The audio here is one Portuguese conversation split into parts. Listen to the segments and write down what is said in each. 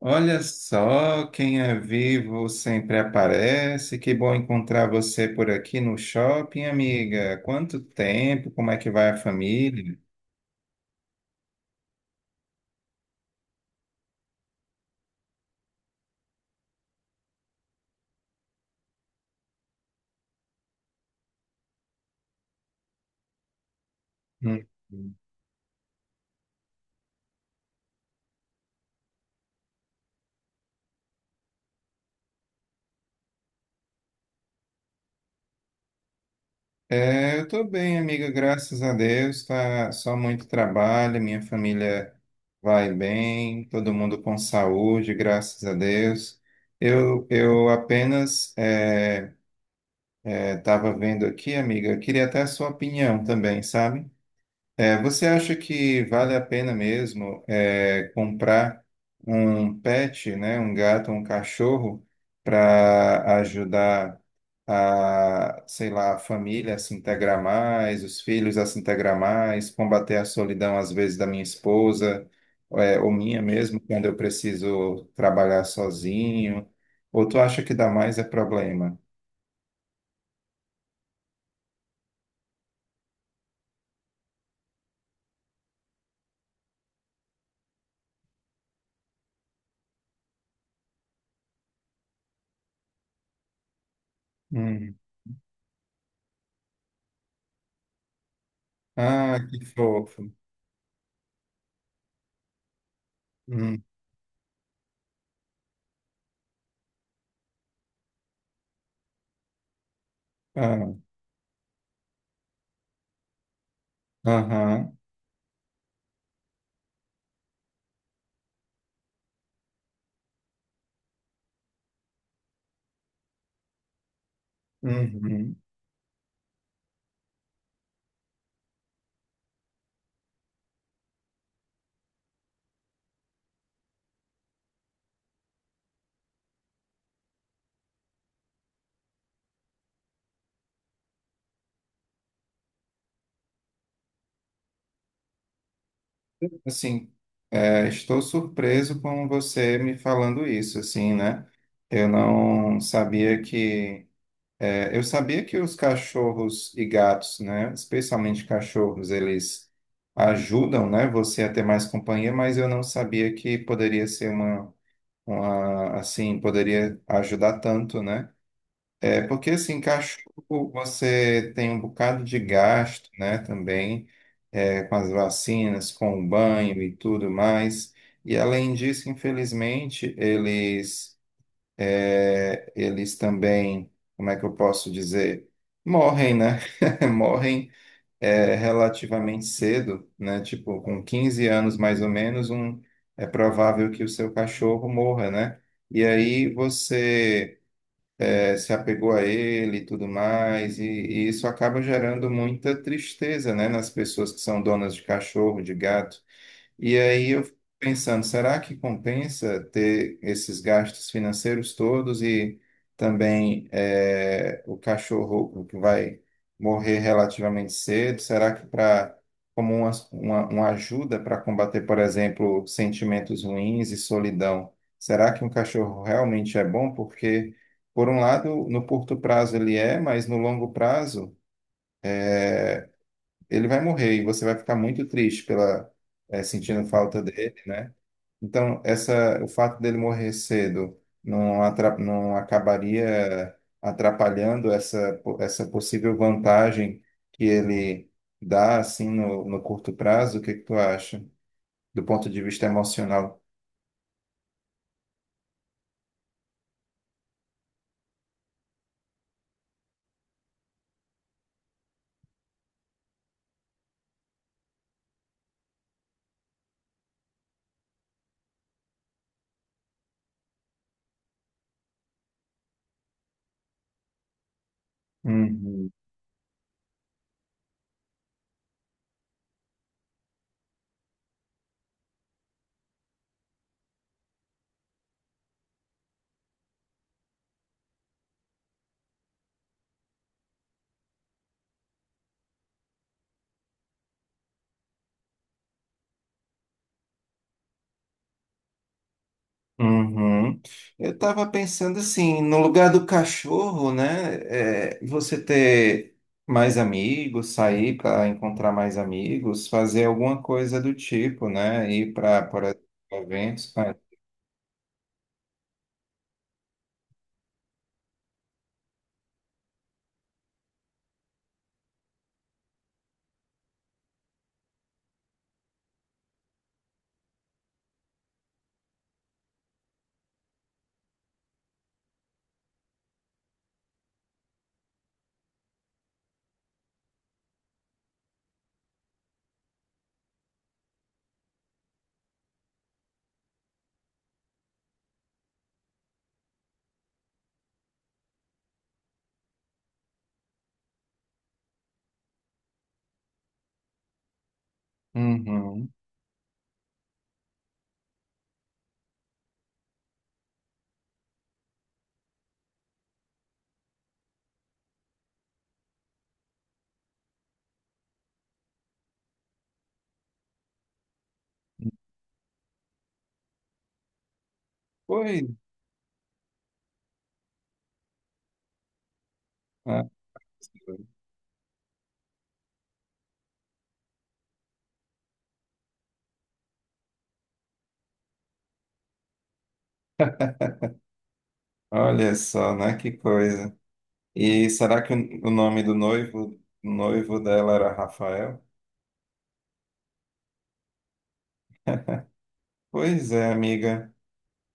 Olha só, quem é vivo sempre aparece. Que bom encontrar você por aqui no shopping, amiga. Quanto tempo? Como é que vai a família? Hum. É, eu tô bem, amiga, graças a Deus. Tá só muito trabalho, minha família vai bem, todo mundo com saúde, graças a Deus. Eu apenas estava vendo aqui, amiga, eu queria até a sua opinião também, sabe? É, você acha que vale a pena mesmo é, comprar um pet, né, um gato, um cachorro, para ajudar a, sei lá, a família a se integrar mais, os filhos a se integrar mais, combater a solidão às vezes da minha esposa, é, ou minha mesmo, quando eu preciso trabalhar sozinho? Ou tu acha que dá mais é problema? Hum. Ah, que fofo. Hum. Ah, aham. Uhum. Assim, é, estou surpreso com você me falando isso, assim, né? Eu não sabia que. É, eu sabia que os cachorros e gatos, né? Especialmente cachorros, eles ajudam, né? Você a ter mais companhia, mas eu não sabia que poderia ser uma, assim, poderia ajudar tanto, né? É porque, assim, cachorro, você tem um bocado de gasto, né, também, é, com as vacinas, com o banho e tudo mais. E, além disso, infelizmente, eles, é, eles também, como é que eu posso dizer? Morrem, né? Morrem, é, relativamente cedo, né? Tipo, com 15 anos, mais ou menos, um, é provável que o seu cachorro morra, né? E aí você se apegou a ele e tudo mais, e isso acaba gerando muita tristeza, né, nas pessoas que são donas de cachorro, de gato. E aí eu fico pensando, será que compensa ter esses gastos financeiros todos e também o cachorro que vai morrer relativamente cedo? Será que para como uma ajuda para combater, por exemplo, sentimentos ruins e solidão, será que um cachorro realmente é bom? Porque, por um lado, no curto prazo ele é, mas no longo prazo ele vai morrer e você vai ficar muito triste pela sentindo falta dele, né? Então, essa, o fato dele morrer cedo não, não acabaria atrapalhando essa possível vantagem que ele dá assim no, no curto prazo? O que que tu acha, do ponto de vista emocional? Uhum. Uhum. Eu estava pensando assim, no lugar do cachorro, né? É, você ter mais amigos, sair para encontrar mais amigos, fazer alguma coisa do tipo, né? Ir para, por exemplo, eventos. Uhum. Pois, né? Olha só, né? Que coisa. E será que o nome do noivo, noivo dela era Rafael? Pois é, amiga.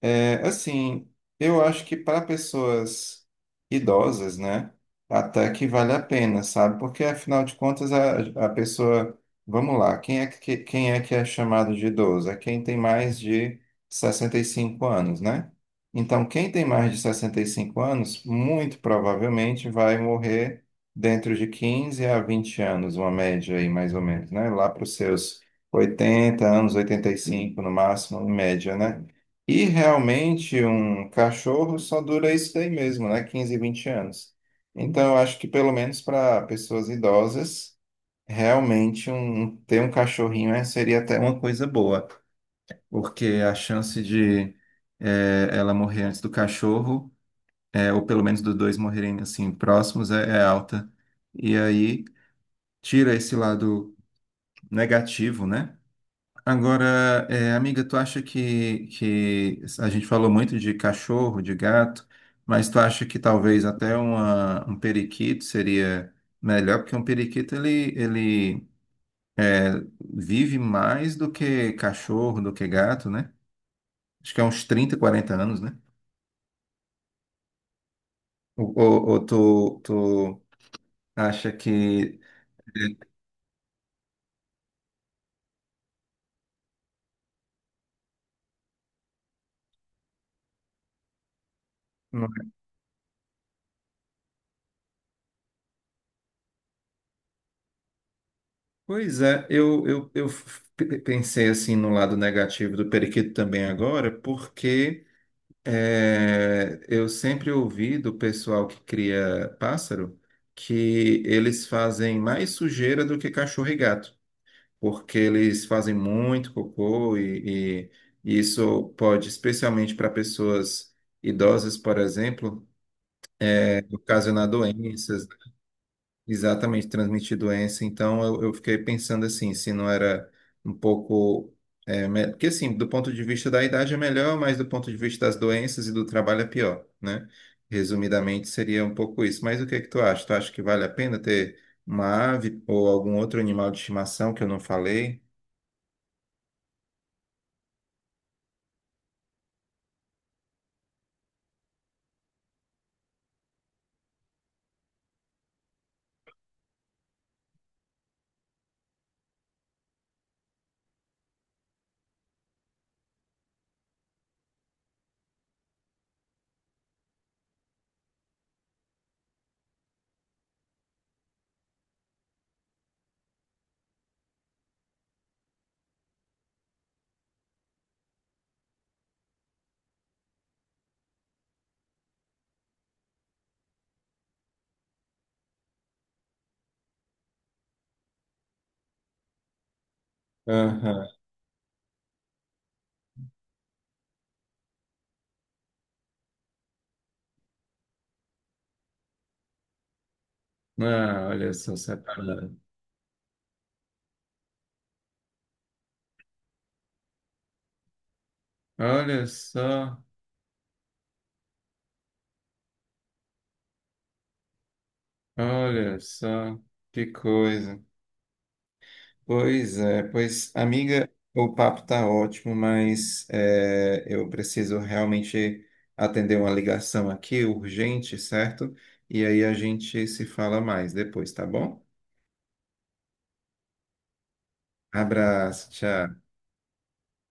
É, assim, eu acho que para pessoas idosas, né, até que vale a pena, sabe? Porque afinal de contas a pessoa, vamos lá, quem é que é chamado de idoso? É quem tem mais de 65 anos, né? Então, quem tem mais de 65 anos, muito provavelmente vai morrer dentro de 15 a 20 anos, uma média aí mais ou menos, né? Lá para os seus 80 anos, 85 no máximo, em média, né? E realmente um cachorro só dura isso daí mesmo, né? 15, 20 anos. Então, eu acho que pelo menos para pessoas idosas, realmente ter um cachorrinho é- seria até uma coisa boa, porque a chance de ela morrer antes do cachorro, ou pelo menos dos dois morrerem assim próximos, é, é alta. E aí tira esse lado negativo, né? Agora, é, amiga, tu acha que a gente falou muito de cachorro, de gato, mas tu acha que talvez até um periquito seria melhor? Porque um periquito ele vive mais do que cachorro, do que gato, né? Acho que é uns 30 40 anos, né? Ou tu acha que. Não. Pois é, eu pensei assim no lado negativo do periquito também agora, porque. É, eu sempre ouvi do pessoal que cria pássaro que eles fazem mais sujeira do que cachorro e gato, porque eles fazem muito cocô e isso pode, especialmente para pessoas idosas, por exemplo, é, ocasionar doenças. Exatamente, transmitir doença. Então, eu fiquei pensando assim, se não era um pouco. É, me- porque, assim, do ponto de vista da idade é melhor, mas do ponto de vista das doenças e do trabalho é pior, né? Resumidamente, seria um pouco isso. Mas o que é que tu acha? Tu acha que vale a pena ter uma ave ou algum outro animal de estimação que eu não falei? Aham. Ah, olha só, separado. Olha só, olha só, que coisa. Pois é, pois, amiga, o papo tá ótimo, mas é, eu preciso realmente atender uma ligação aqui, urgente, certo? E aí a gente se fala mais depois, tá bom? Abraço, tchau.